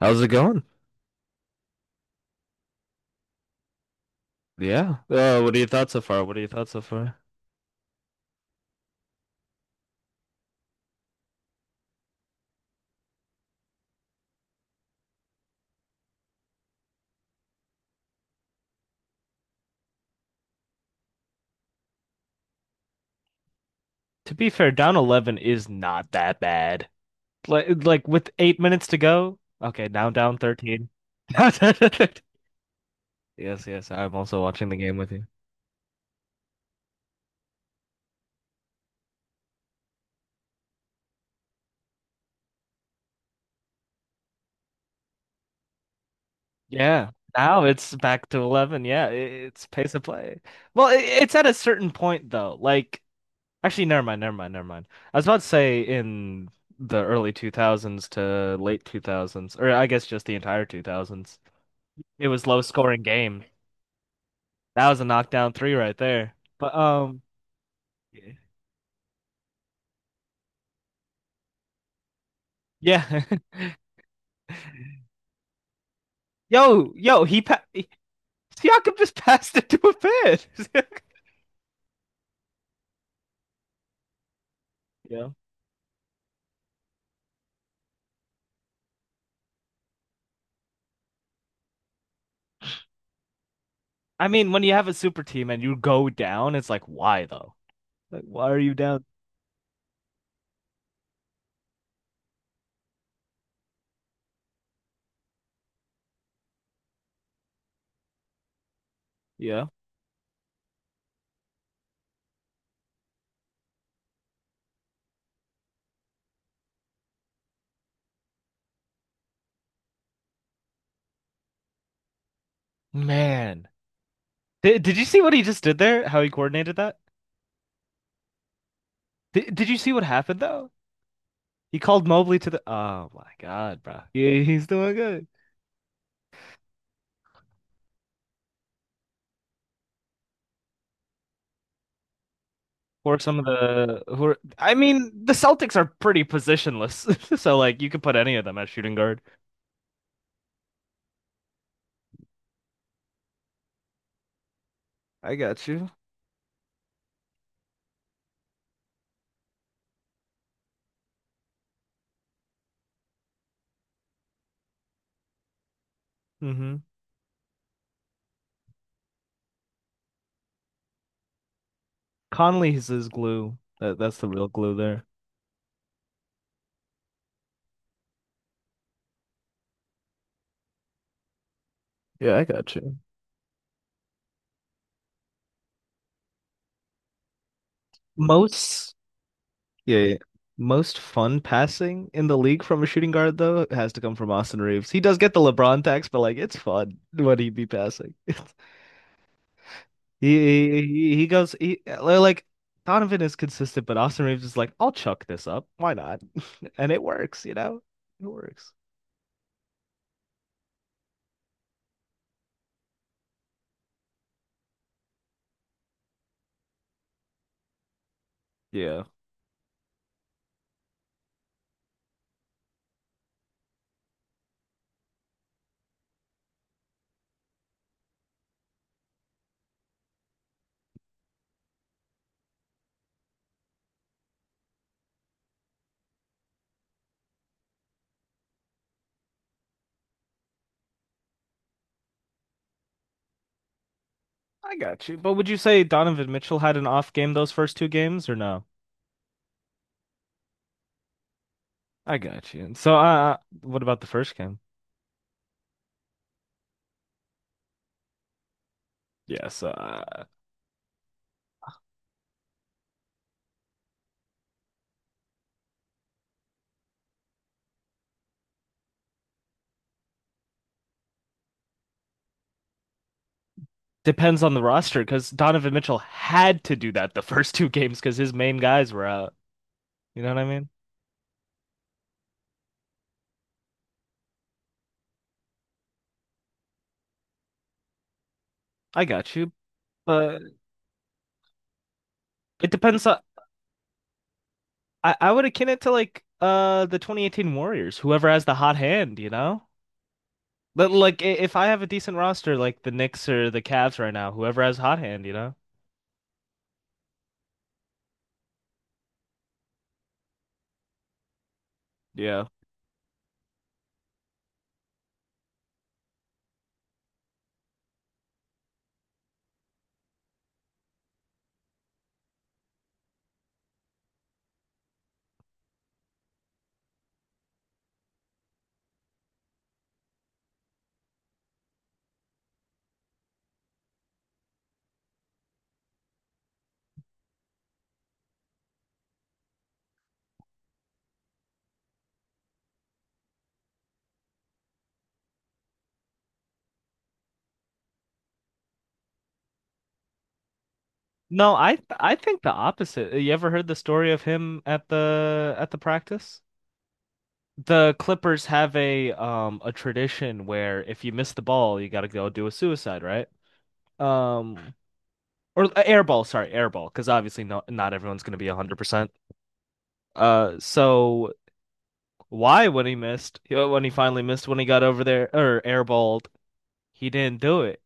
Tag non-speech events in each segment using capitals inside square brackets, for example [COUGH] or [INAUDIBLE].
How's it going? Yeah. What are your thoughts so far? To be fair, down 11 is not that bad. Like with 8 minutes to go. Okay, now down 13. [LAUGHS] Yes, yes, I'm also watching the game with you. Yeah. Now it's back to 11. Yeah, it's pace of play. Well, it's at a certain point though. Like actually never mind, never mind, never mind. I was about to say in the early 2000s to late 2000s or I guess just the entire 2000s. It was low scoring games. That was a knockdown three right there. But yeah. [LAUGHS] Yo, he pa Siakam just [LAUGHS] passed it to a fan. [LAUGHS] Yeah. I mean, when you have a super team and you go down, it's like, why though? Like, why are you down? Yeah. Man, did you see what he just did there? How he coordinated that? Did you see what happened though? He called Mobley to the. Oh my God, bro. Yeah, he's doing good. Or some of the who are, I mean, the Celtics are pretty positionless, [LAUGHS] so like you could put any of them at shooting guard. I got you. Mm-hmm. Conley's is glue. That's the real glue there. Yeah, I got you. Most Yeah, yeah, most fun passing in the league from a shooting guard though has to come from Austin Reeves. He does get the LeBron tax, but like it's fun when he be passing. [LAUGHS] He goes he like Donovan is consistent, but Austin Reeves is like, I'll chuck this up. Why not? And it works, you know? It works. Yeah. I got you. But would you say Donovan Mitchell had an off game those first two games or no? I got you. So, what about the first game? Yes, uh, depends on the roster because Donovan Mitchell had to do that the [LAUGHS] first two games because his main guys were out. You know what I mean? I got you, but it depends on. I would akin it to like the 2018 Warriors, whoever has the hot hand, you know? But like if I have a decent roster like the Knicks or the Cavs right now, whoever has hot hand, you know? Yeah. No, I think the opposite. You ever heard the story of him at the practice? The Clippers have a tradition where if you miss the ball, you got to go do a suicide, right? Um or air ball, sorry, air ball, because obviously not everyone's going to be 100%. So why when he missed, when he finally missed when he got over there or airballed, he didn't do it.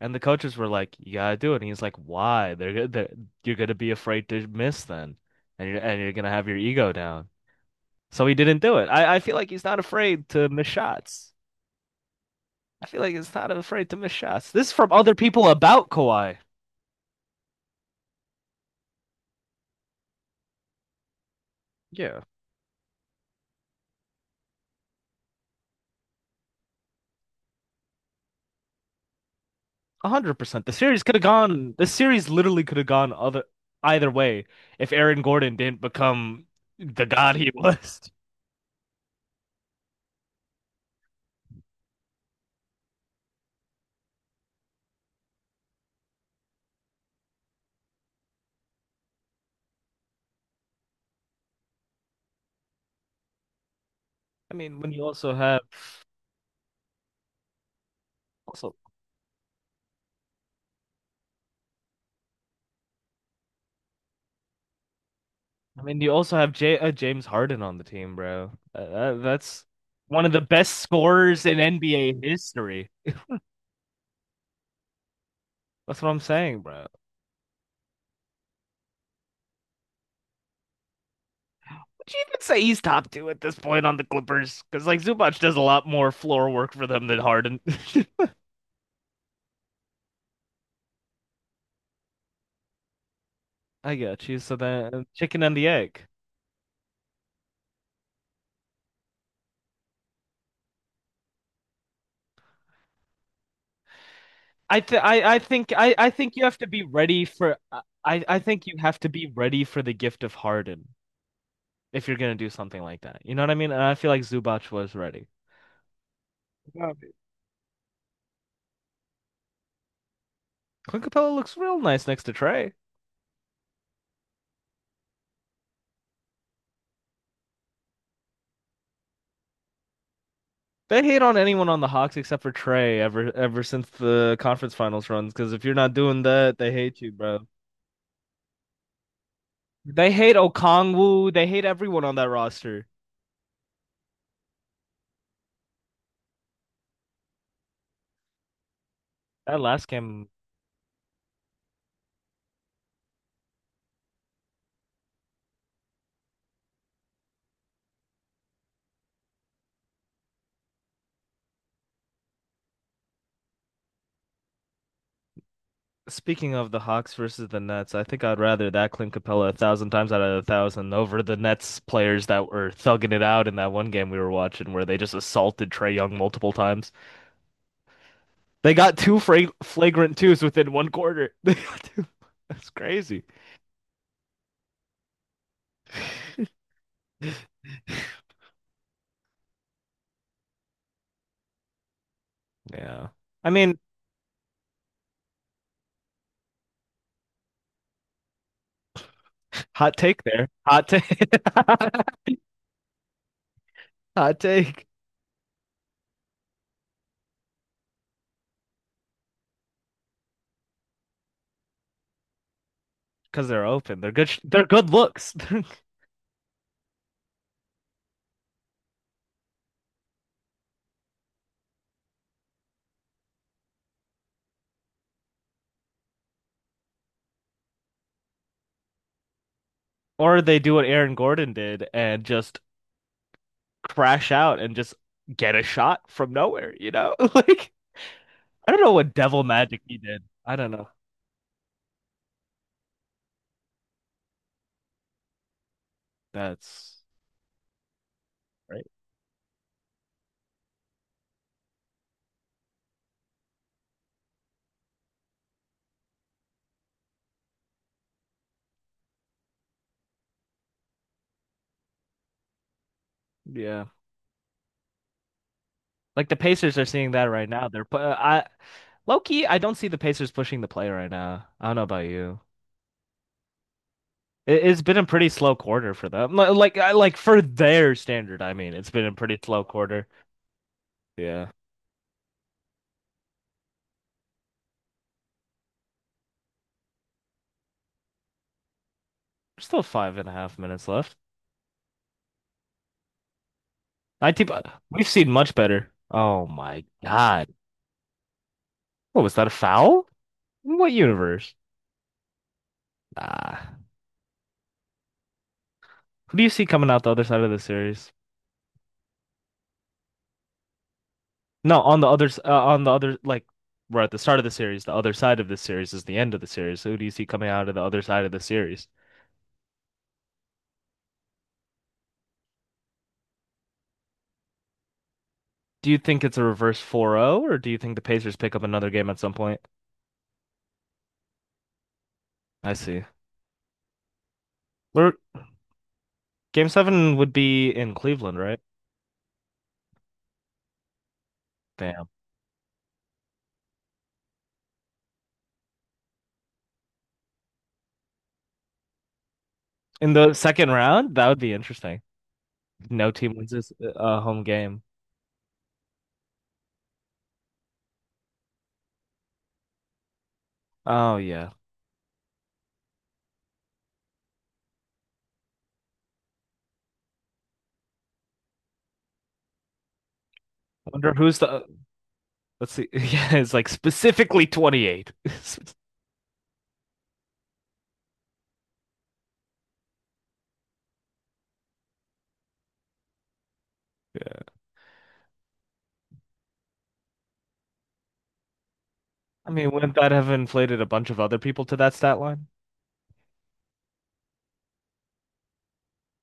And the coaches were like, "You gotta do it." And he's like, "Why? They're you're gonna be afraid to miss then, and you're gonna have your ego down." So he didn't do it. I feel like he's not afraid to miss shots. I feel like it's not afraid to miss shots. This is from other people about Kawhi. Yeah, 100%. The series could have gone. The series literally could have gone other either way if Aaron Gordon didn't become the god he [LAUGHS] was. I mean, when you also have also, I mean, you also have J James Harden on the team, bro. That's one of the best scorers in NBA history. That's what I'm saying, bro. Would you even say he's top two at this point on the Clippers? Because like Zubac does a lot more floor work for them than Harden. [LAUGHS] Yeah, I got you. So then, chicken and the egg. I th I think you have to be ready for I think you have to be ready for the gift of Harden if you're gonna do something like that. You know what I mean? And I feel like Zubac was ready. Yeah. Clint Capella looks real nice next to Trey. They hate on anyone on the Hawks except for Trey ever since the conference finals runs. Because if you're not doing that, they hate you, bro. They hate Okongwu. They hate everyone on that roster. That last game. Speaking of the Hawks versus the Nets, I think I'd rather that Clint Capella a thousand times out of a thousand over the Nets players that were thugging it out in that one game we were watching where they just assaulted Trey Young multiple times. They got two flagrant twos within one quarter. [LAUGHS] They got two. That's crazy. Yeah. I mean, hot take there. Hot take. [LAUGHS] Hot take. Because they're open. They're good. They're good looks. [LAUGHS] Or they do what Aaron Gordon did and just crash out and just get a shot from nowhere, you know? [LAUGHS] Like, I don't know what devil magic he did. I don't know. That's right. Yeah. Like the Pacers are seeing that right now. I low key, I don't see the Pacers pushing the play right now. I don't know about you. It's been a pretty slow quarter for them. Like I like for their standard, I mean, it's been a pretty slow quarter. Yeah. There's still 5.5 minutes left. 19, we've seen much better. Oh my God. What was that a foul? In what universe? Ah, who do you see coming out the other side of the series? No, on the other on the other like we're at the start of the series. The other side of this series is the end of the series. Who do you see coming out of the other side of the series? Do you think it's a reverse 4-0, or do you think the Pacers pick up another game at some point? I see. We're Game seven would be in Cleveland, right? Damn. In the second round, that would be interesting. No team wins this home game. Oh yeah. Wonder who's the. Let's see. [LAUGHS] Yeah, it's like specifically 28. [LAUGHS] Yeah. I mean, wouldn't that have inflated a bunch of other people to that stat line?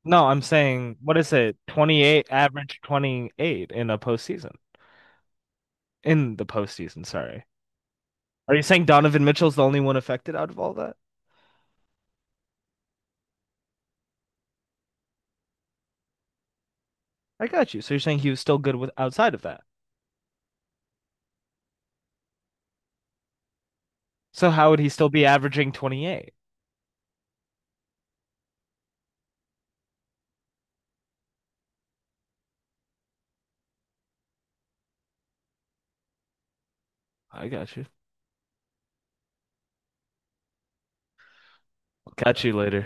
No, I'm saying, what is it? 28, average 28 in a postseason. In the postseason, sorry. Are you saying Donovan Mitchell's the only one affected out of all that? I got you. So you're saying he was still good with outside of that. So how would he still be averaging 28? I got you. I'll catch you later.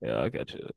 Yeah, I got you.